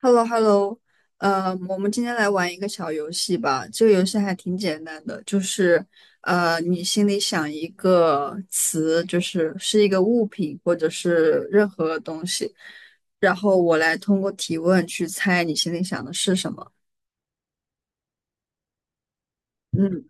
Hello hello 我们今天来玩一个小游戏吧。这个游戏还挺简单的，就是你心里想一个词，就是一个物品或者是任何东西，然后我来通过提问去猜你心里想的是什么。嗯，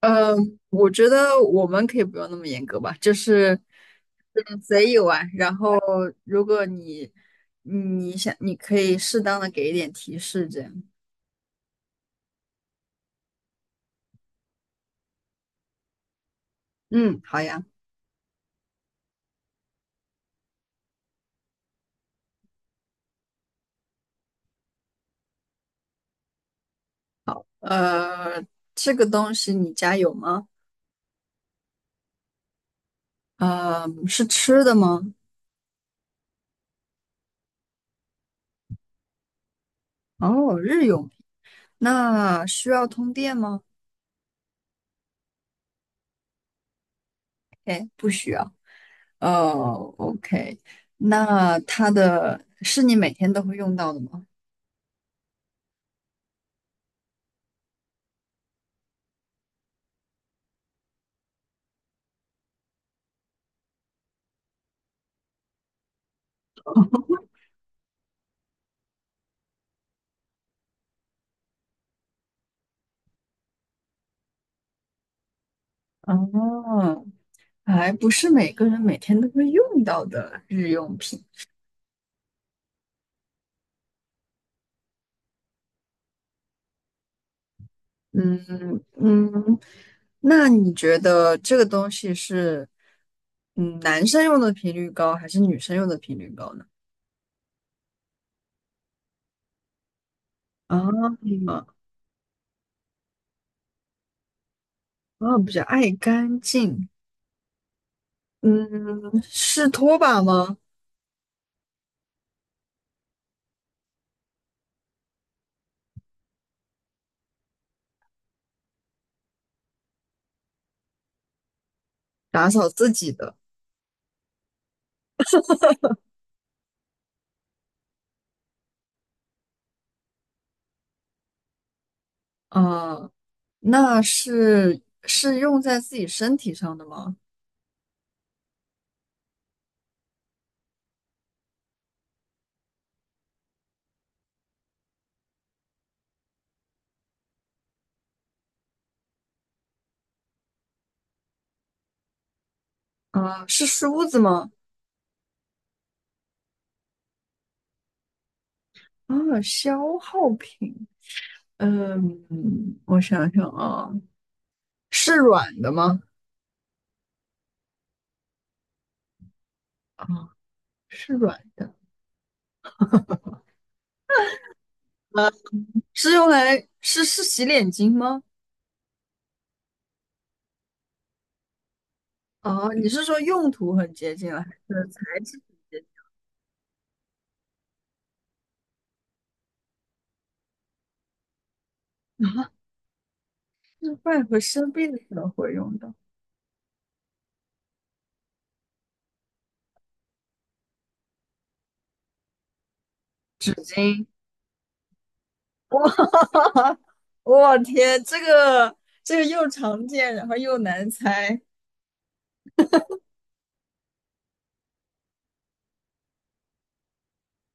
呃，我觉得我们可以不用那么严格吧，就是随意玩。然后如果你想，你可以适当的给一点提示，这样。嗯，好呀。呃，这个东西你家有吗？是吃的吗？哦，日用品。那需要通电吗？哎，哦，OK。那它的是你每天都会用到的吗？哦，还不是每个人每天都会用到的日用品。嗯嗯，那你觉得这个东西是男生用的频率高，还是女生用的频率高呢？啊，啊，比较爱干净，嗯，是拖把吗？打扫自己的，啊，那是用在自己身体上的吗？啊，是梳子吗？啊，消耗品，嗯，我想想啊，是软的吗？啊，是软的，是用来是洗脸巾吗？啊，你是说用途很接近了，还是材质很接近啊？是饭和生病的时候会用到。哇，我天，这个又常见，然后又难猜。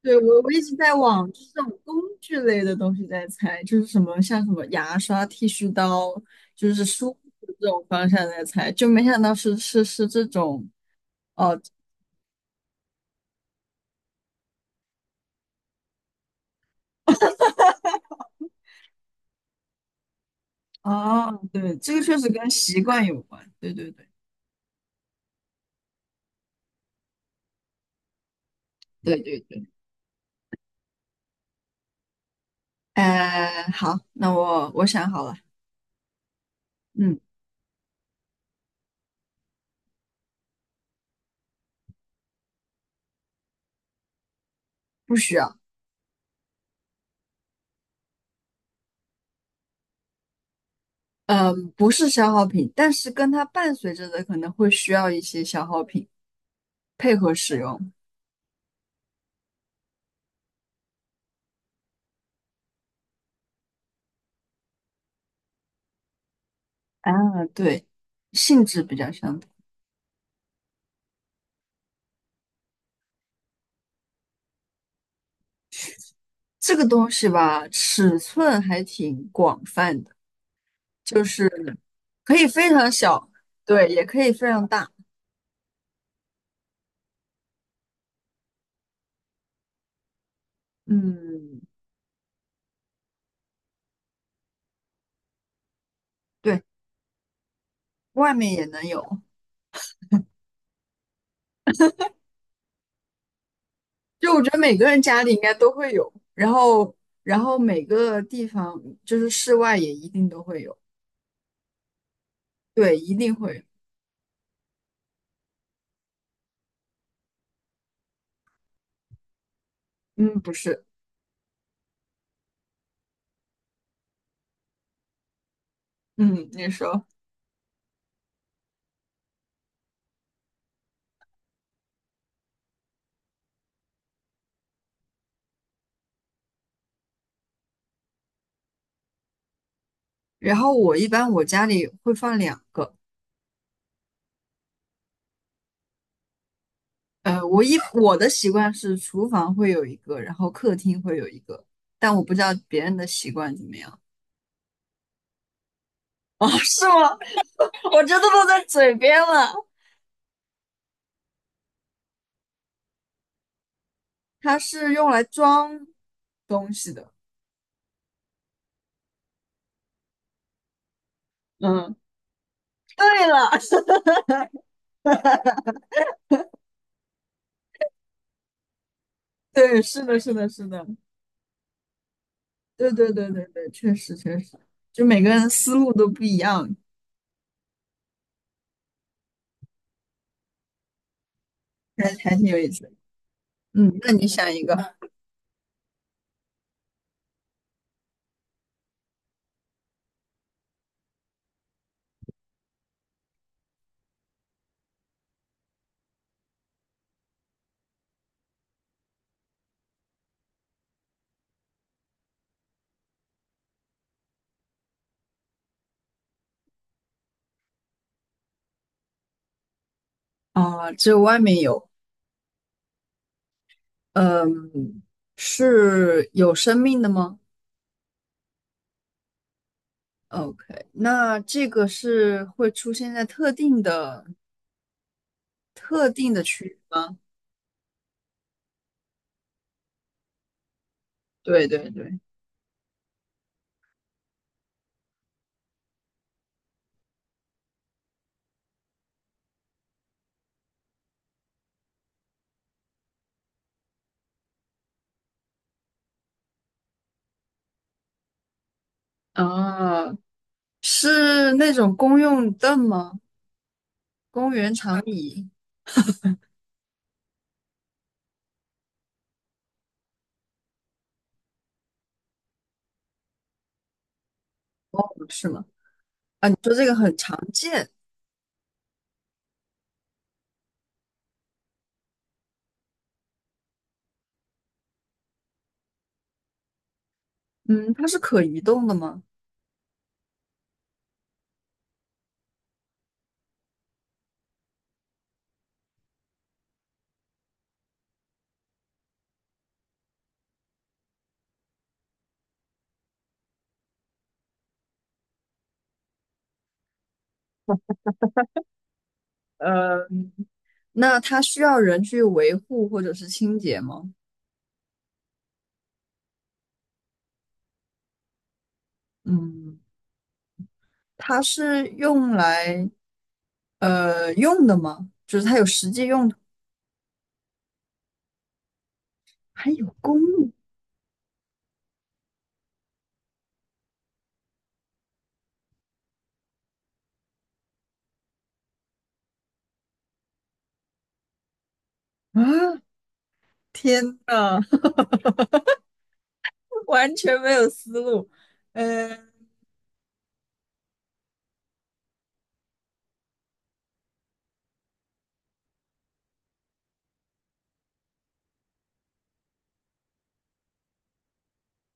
对，我一直在往就是这种工具类的东西在猜，就是什么像什么牙刷、剃须刀，就是梳子这种方向在猜，就没想到是这种哦。哦，对，这个确实跟习惯有关。对对对对对对。哎、好，那我想好了，嗯，不需要。嗯，不是消耗品，但是跟它伴随着的可能会需要一些消耗品配合使用。啊，对，性质比较相同。这个东西吧，尺寸还挺广泛的，就是可以非常小，对，也可以非常大。嗯，对，外面也能有。就我觉得每个人家里应该都会有，然后，每个地方就是室外也一定都会有，对，一定会有。嗯，不是，嗯，你说。然后我一般我家里会放两个，我的习惯是厨房会有一个，然后客厅会有一个，但我不知道别人的习惯怎么样。是吗？我这都落在嘴边了。它是用来装东西的，嗯，对了，对，是的，是的，是的，对对对对对，确实确实，就每个人思路都不一样，还挺有意思的。嗯，那你想一个。啊，只有外面有，嗯，是有生命的吗？哦？OK，那这个是会出现在特定的区域吗？对对对，啊，是那种公用凳吗？公园长椅不是吗？啊，你说这个很常见，嗯，它是可移动的吗？嗯，那它需要人去维护或者是清洁吗？嗯，它是用来用的吗？就是它有实际用途。还有公路、啊，天呐，完全没有思路。嗯、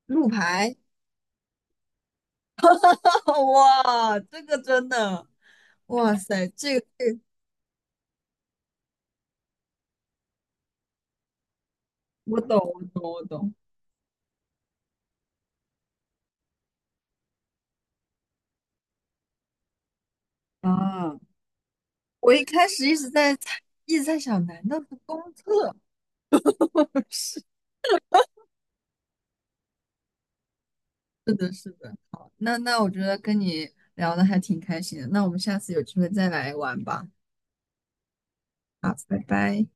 路牌，哇，这个真的，哇塞，这个我懂，我懂，我懂。啊，我一开始一直在猜，一直在想，难道是公厕？是的，是的。好，那我觉得跟你聊的还挺开心的，那我们下次有机会再来玩吧。好，拜拜。